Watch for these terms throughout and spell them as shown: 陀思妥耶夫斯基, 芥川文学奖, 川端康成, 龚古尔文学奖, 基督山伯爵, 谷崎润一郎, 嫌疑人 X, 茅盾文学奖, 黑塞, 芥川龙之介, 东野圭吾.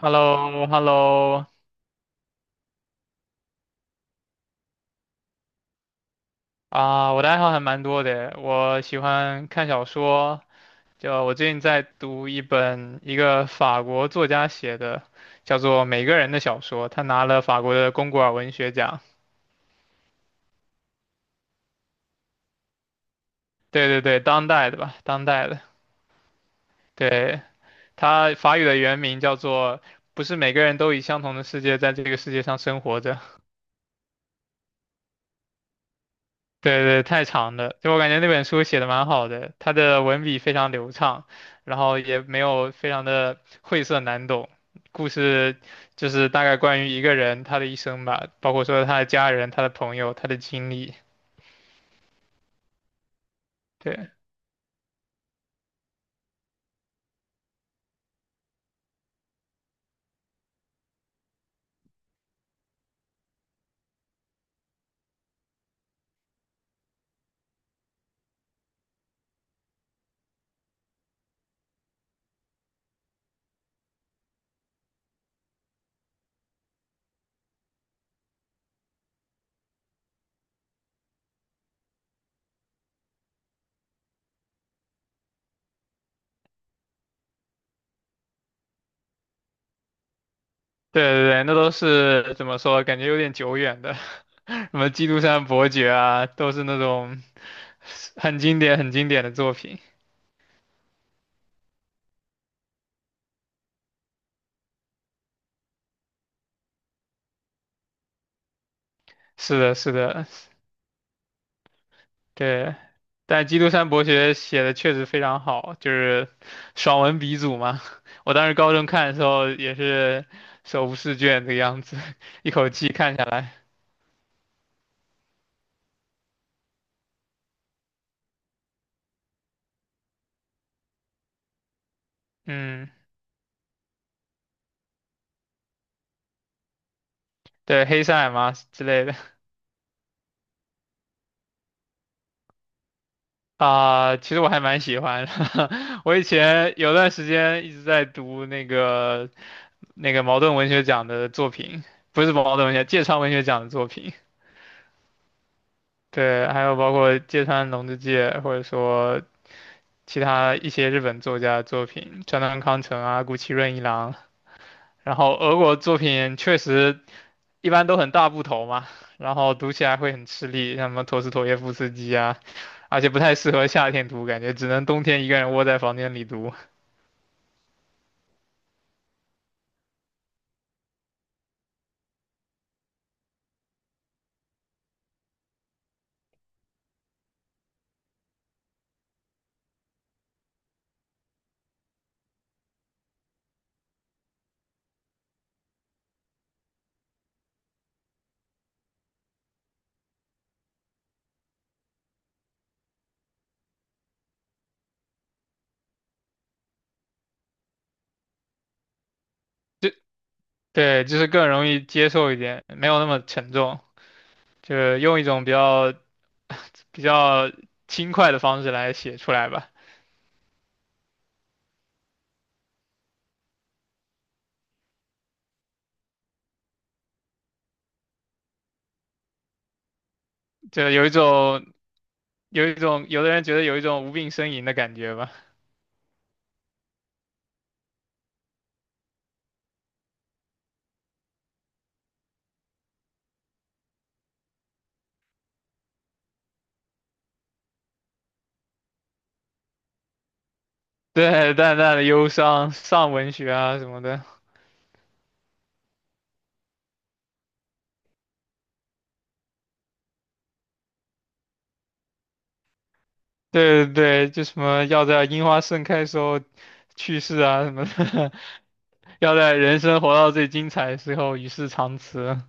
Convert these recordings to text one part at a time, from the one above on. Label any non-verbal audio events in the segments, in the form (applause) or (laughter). h e l l o h e l l o 啊，我的爱好还蛮多的，我喜欢看小说，就我最近在读一本一个法国作家写的，叫做《每个人的小说》，他拿了法国的龚古尔文学奖。对对对，当代的吧，当代的。对，他法语的原名叫做《不是每个人都以相同的世界在这个世界上生活着》。对对，太长了。就我感觉那本书写的蛮好的，他的文笔非常流畅，然后也没有非常的晦涩难懂。故事就是大概关于一个人他的一生吧，包括说他的家人、他的朋友、他的经历。对对对对，那都是怎么说？感觉有点久远的，(laughs) 什么《基督山伯爵》啊，都是那种很经典、很经典的作品。是的，是的。对，但基督山伯爵写的确实非常好，就是爽文鼻祖嘛。(laughs) 我当时高中看的时候也是手不释卷的样子，(laughs) 一口气看下来。嗯，对，黑塞嘛之类的。啊、其实我还蛮喜欢的。(laughs) 我以前有段时间一直在读那个茅盾文学奖的作品，不是茅盾文学，芥川文学奖的作品。对，还有包括芥川龙之介，或者说其他一些日本作家的作品，川端康成啊、谷崎润一郎，然后俄国作品确实一般都很大部头嘛，然后读起来会很吃力，像什么陀思妥耶夫斯基啊，而且不太适合夏天读，感觉只能冬天一个人窝在房间里读。就对，就是更容易接受一点，没有那么沉重，就是用一种比较轻快的方式来写出来吧，就有一种有的人觉得有一种无病呻吟的感觉吧。(laughs) 对，淡淡的忧伤，上文学啊什么的。对对对，就什么要在樱花盛开时候去世啊什么的，(laughs) 要在人生活到最精彩的时候与世长辞。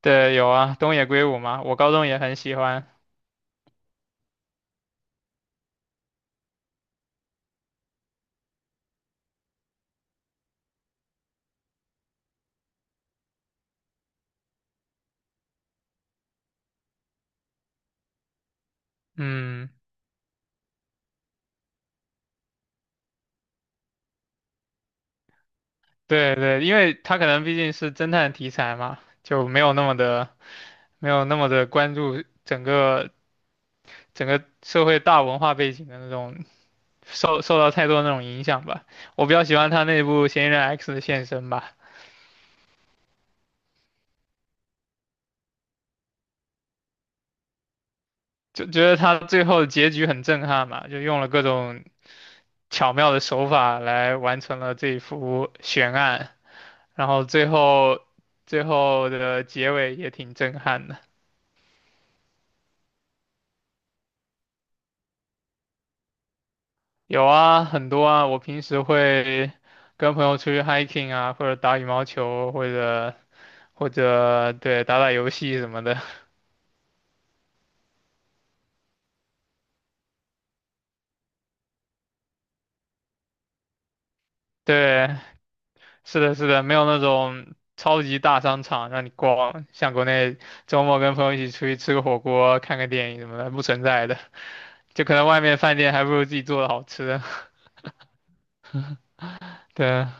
对，有啊，东野圭吾嘛，我高中也很喜欢。嗯，对对，因为他可能毕竟是侦探题材嘛，就没有那么的关注整个社会大文化背景的那种受到太多那种影响吧。我比较喜欢他那部《嫌疑人 X》的现身吧，就觉得他最后结局很震撼嘛，就用了各种巧妙的手法来完成了这一幅悬案，然后最后的结尾也挺震撼的。有啊，很多啊，我平时会跟朋友出去 hiking 啊，或者打羽毛球，或者对打打游戏什么的。(laughs) 对，是的，是的，没有那种超级大商场让你逛，像国内周末跟朋友一起出去吃个火锅、看个电影什么的，不存在的。就可能外面饭店还不如自己做的好吃。(laughs) 对啊。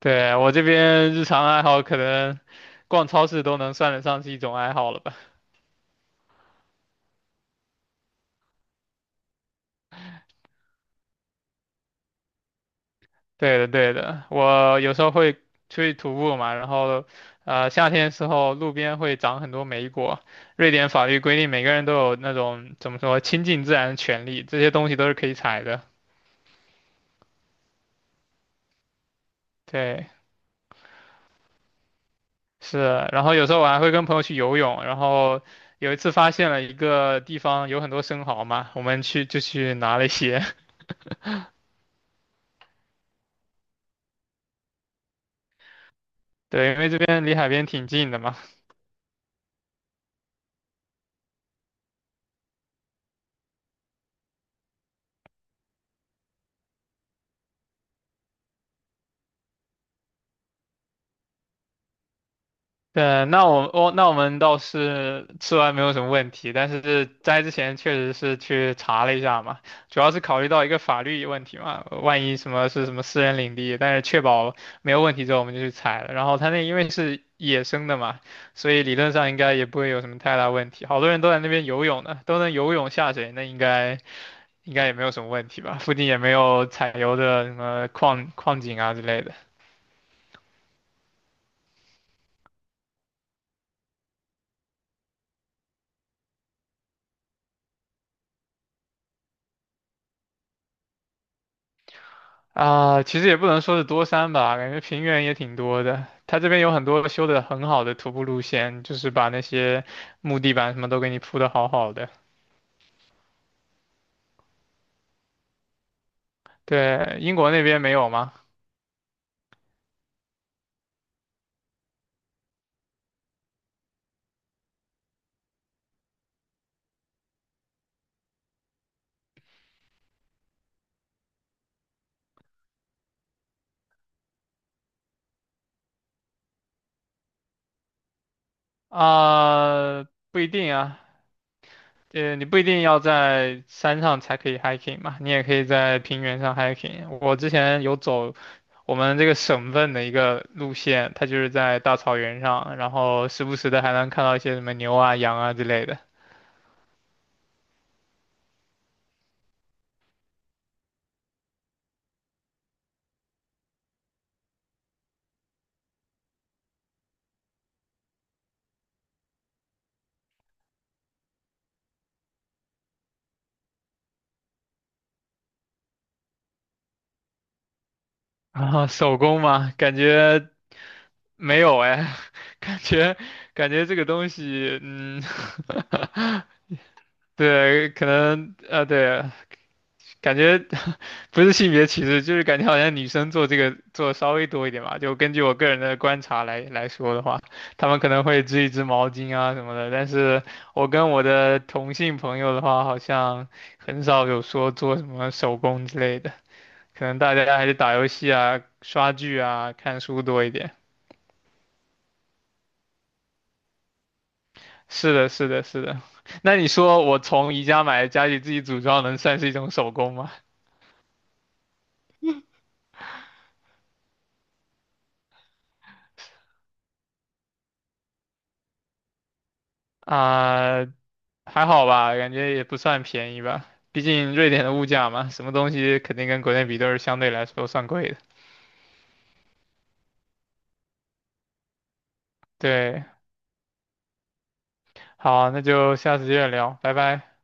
对，我这边日常爱好可能逛超市都能算得上是一种爱好了吧？对的，对的，我有时候会出去徒步嘛，然后夏天的时候路边会长很多莓果。瑞典法律规定每个人都有那种怎么说亲近自然的权利，这些东西都是可以采的。对，是。然后有时候我还会跟朋友去游泳，然后有一次发现了一个地方有很多生蚝嘛，我们去就去拿了一些。(laughs) 对，因为这边离海边挺近的嘛。对，那我们倒是吃完没有什么问题，但是摘之前确实是去查了一下嘛，主要是考虑到一个法律问题嘛，万一什么是什么私人领地，但是确保没有问题之后我们就去采了。然后它那因为是野生的嘛，所以理论上应该也不会有什么太大问题。好多人都在那边游泳呢，都能游泳下水，那应该也没有什么问题吧？附近也没有采油的什么矿井啊之类的。啊，其实也不能说是多山吧，感觉平原也挺多的。它这边有很多修的很好的徒步路线，就是把那些木地板什么都给你铺的好好的。对，英国那边没有吗？啊，不一定啊，你不一定要在山上才可以 hiking 嘛，你也可以在平原上 hiking。我之前有走我们这个省份的一个路线，它就是在大草原上，然后时不时的还能看到一些什么牛啊、羊啊之类的。(laughs) 啊，手工吗？感觉没有哎，(laughs) 感觉感觉这个东西，嗯，(laughs) 对，可能对，感觉 (laughs) 不是性别歧视，就是感觉好像女生做这个做得稍微多一点吧。就根据我个人的观察来说的话，她们可能会织一织毛巾啊什么的，但是我跟我的同性朋友的话，好像很少有说做什么手工之类的，可能大家还是打游戏啊、刷剧啊、看书多一点。是的，是的，是的。那你说我从宜家买家里自己组装，能算是一种手工吗？啊、还好吧，感觉也不算便宜吧。毕竟瑞典的物价嘛，什么东西肯定跟国内比都是相对来说算贵的。对，好，那就下次接着聊，拜拜。